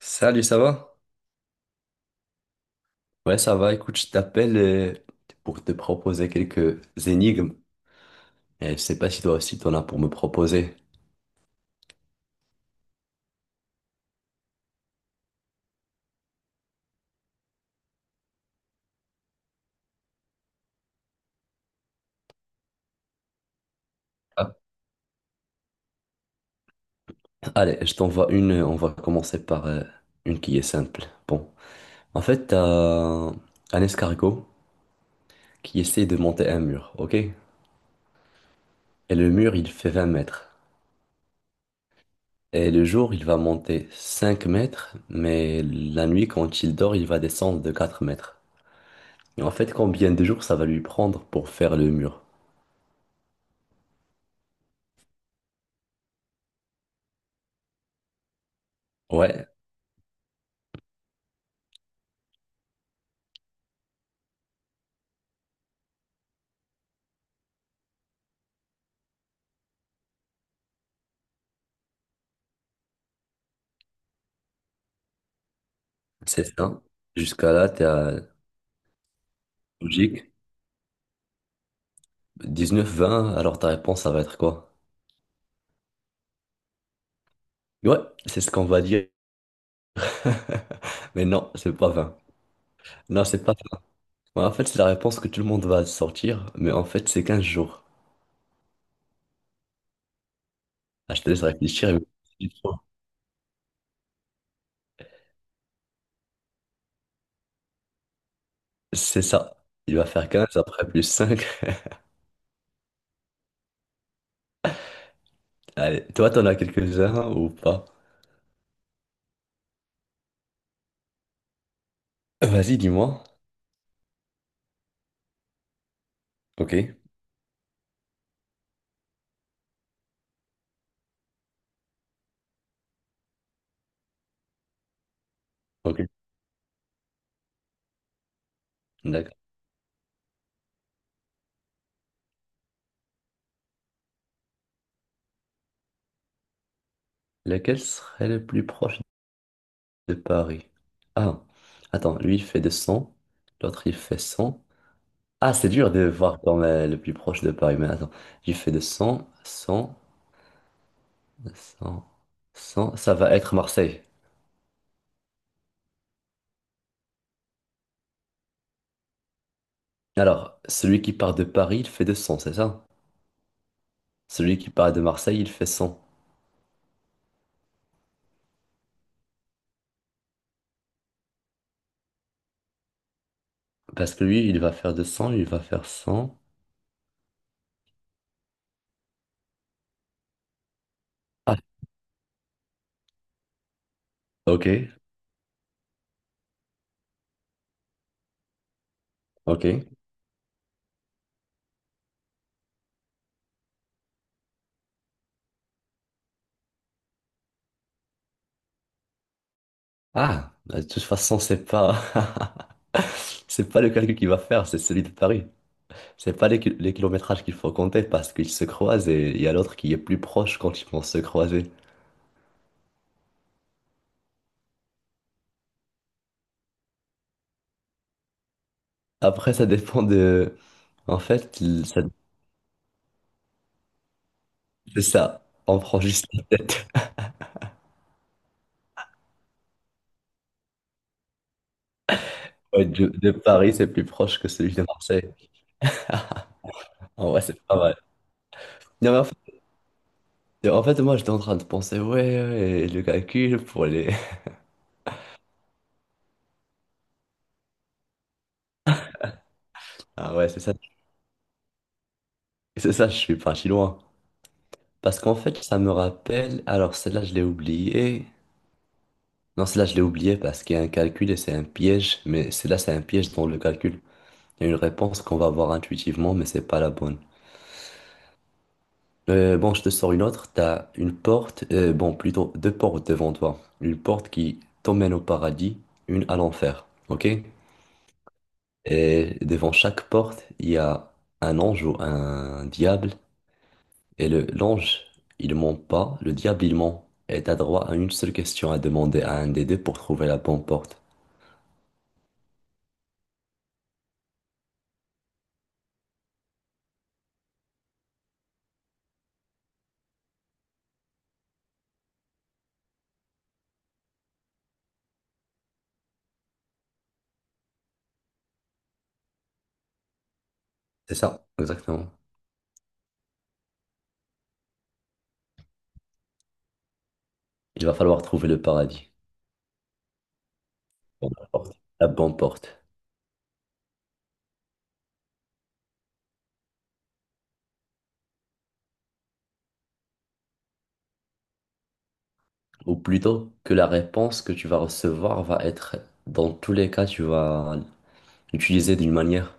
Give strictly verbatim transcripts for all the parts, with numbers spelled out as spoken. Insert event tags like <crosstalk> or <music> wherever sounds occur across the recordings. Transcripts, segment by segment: Salut, ça va? Ouais, ça va. Écoute, je t'appelle euh, pour te proposer quelques énigmes. Et je sais pas si toi aussi t'en as pour me proposer. Ah, allez, je t'envoie une. euh, On va commencer par euh, une qui est simple. Bon, en fait, t'as un escargot qui essaie de monter un mur, ok? Et le mur, il fait vingt mètres. Et le jour, il va monter cinq mètres, mais la nuit, quand il dort, il va descendre de quatre mètres. Et en fait, combien de jours ça va lui prendre pour faire le mur? Ouais. C'est ça. Jusqu'à là, t'es à logique. Neuf vingt, alors ta réponse, ça va être quoi? Ouais, c'est ce qu'on va dire. <laughs> Mais non, c'est pas vingt. Non, c'est pas vingt. Ouais, en fait, c'est la réponse que tout le monde va sortir, mais en fait, c'est quinze jours. Ah, je te laisse réfléchir et me dis trop. C'est ça. Il va faire quinze après plus cinq. <laughs> Allez, toi, t'en as quelques-uns ou pas? Vas-y, dis-moi. Ok. Ok. D'accord. Lequel serait le plus proche? De Paris. Ah, attends, lui il fait deux cents, l'autre il fait cent. Ah, c'est dur de voir quand même le plus proche de Paris, mais attends, lui fait deux cents, cent, cent, cent, ça va être Marseille. Alors, celui qui part de Paris, il fait deux cents, c'est ça? Celui qui part de Marseille, il fait cent. Parce que lui, il va faire deux cents, il va faire cent. Ah, ok, ok. Ah, bah, de toute façon, c'est pas... <laughs> c'est pas le calcul qu'il va faire, c'est celui de Paris. C'est pas les, ki- les kilométrages qu'il faut compter parce qu'ils se croisent et il y a l'autre qui est plus proche quand ils vont se croiser. Après, ça dépend de... En fait, l- ça- c'est ça. On prend juste la tête. Ouais, de, de Paris, c'est plus proche que celui de Marseille. En vrai, c'est pas mal. Non, mais en fait, en fait, moi, j'étais en train de penser, ouais, ouais, le calcul pour les... <laughs> Ah ouais, c'est ça. C'est ça, je suis parti loin. Parce qu'en fait, ça me rappelle... Alors, celle-là, je l'ai oubliée. Non, celle-là, je l'ai oubliée parce qu'il y a un calcul et c'est un piège. Mais celle-là, c'est un piège dans le calcul. Il y a une réponse qu'on va avoir intuitivement, mais c'est pas la bonne. Euh, bon, je te sors une autre. T'as une porte, euh, bon, plutôt deux portes devant toi. Une porte qui t'emmène au paradis, une à l'enfer. Ok? Et devant chaque porte, il y a un ange ou un diable. Et le, l'ange, il ment pas. Le diable, il ment. Et t'as droit à une seule question à demander à un des deux pour trouver la bonne porte. C'est ça, exactement. Il va falloir trouver le paradis. Bon, la porte. La bonne porte. Ou plutôt que la réponse que tu vas recevoir va être, dans tous les cas, tu vas l'utiliser d'une manière.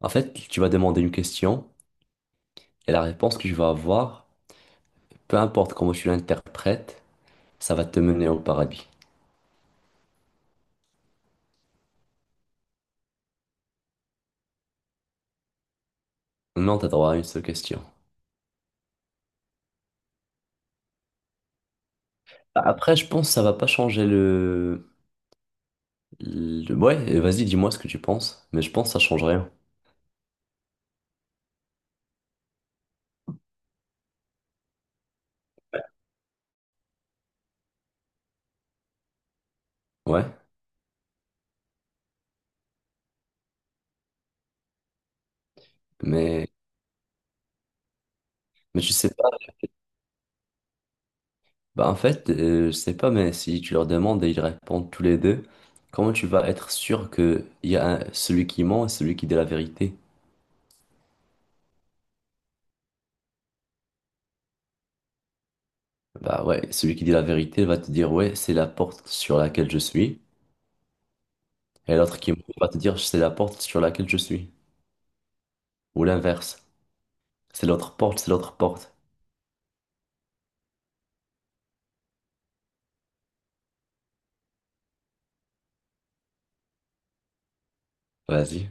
En fait, tu vas demander une question et la réponse que tu vas avoir, peu importe comment tu l'interprètes, ça va te mener au paradis. Non, t'as droit à une seule question. Après, je pense que ça va pas changer le... le... Ouais, vas-y, dis-moi ce que tu penses. Mais je pense que ça change rien. Ouais, mais... Mais tu sais pas. Bah en fait, euh, je sais pas, mais si tu leur demandes et ils répondent tous les deux, comment tu vas être sûr que il y a un- celui qui ment et celui qui dit la vérité? Bah ouais, celui qui dit la vérité va te dire ouais, c'est la porte sur laquelle je suis, et l'autre qui ment va te dire c'est la porte sur laquelle je suis, ou l'inverse, c'est l'autre porte, c'est l'autre porte. Vas-y.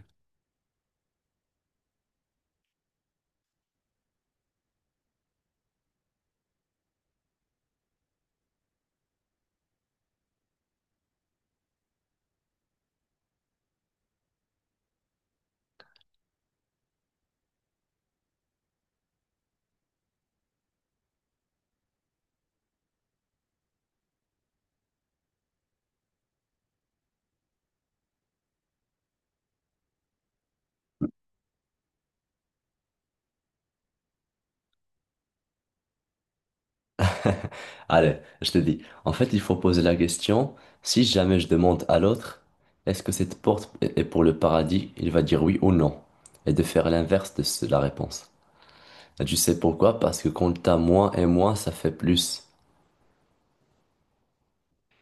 <laughs> Allez, je te dis. En fait, il faut poser la question, si jamais je demande à l'autre, est-ce que cette porte est est pour le paradis? Il va dire oui ou non. Et de faire l'inverse de ce- la réponse. Et tu sais pourquoi? Parce que quand t'as moins et moins, ça fait plus.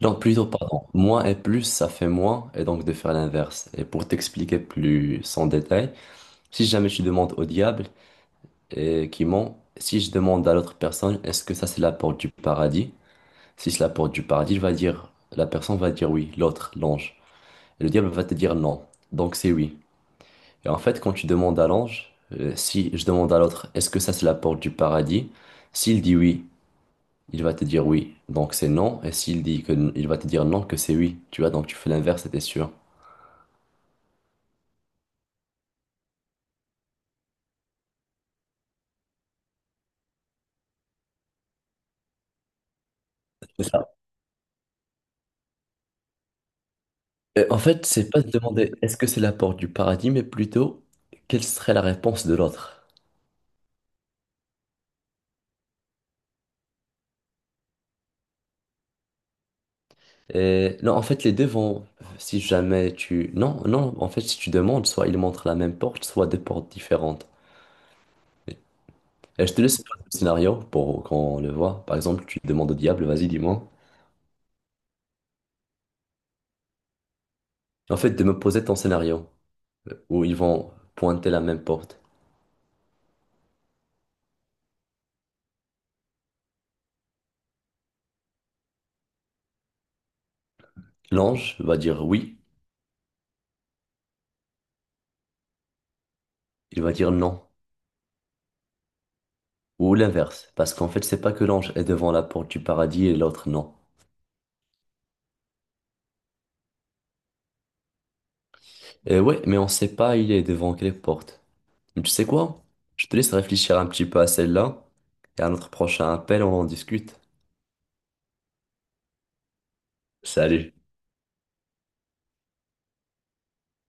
Non, plutôt, pardon. Moins et plus, ça fait moins, et donc de faire l'inverse. Et pour t'expliquer plus en détail, si jamais tu demandes au diable et qui ment, si je demande à l'autre personne, est-ce que ça c'est la porte du paradis? Si c'est la porte du paradis, il va dire, la personne va dire oui, l'autre, l'ange. Et le diable va te dire non. Donc c'est oui. Et en fait, quand tu demandes à l'ange, euh, si je demande à l'autre, est-ce que ça c'est la porte du paradis? S'il dit oui, il va te dire oui. Donc c'est non. Et s'il dit que n- il va te dire non, que c'est oui. Tu vois, donc tu fais l'inverse et t'es sûr. C'est ça. Et en fait, c'est pas de demander est-ce que c'est la porte du paradis, mais plutôt quelle serait la réponse de l'autre. Euh, non, en fait, les deux vont, si jamais tu... Non, non, en fait, si tu demandes, soit ils montrent la même porte, soit deux portes différentes. Et je te laisse poser le scénario pour qu'on le voit. Par exemple, tu demandes au diable, vas-y, dis-moi. En fait, de me poser ton scénario, euh, où ils vont pointer la même porte. L'ange va dire oui, il va dire non. Ou l'inverse, parce qu'en fait, c'est pas que l'ange est devant la porte du paradis et l'autre non. Et ouais, mais on sait pas il est devant quelle porte. Mais tu sais quoi? Je te laisse réfléchir un petit peu à celle-là et à notre prochain appel, on en discute. Salut.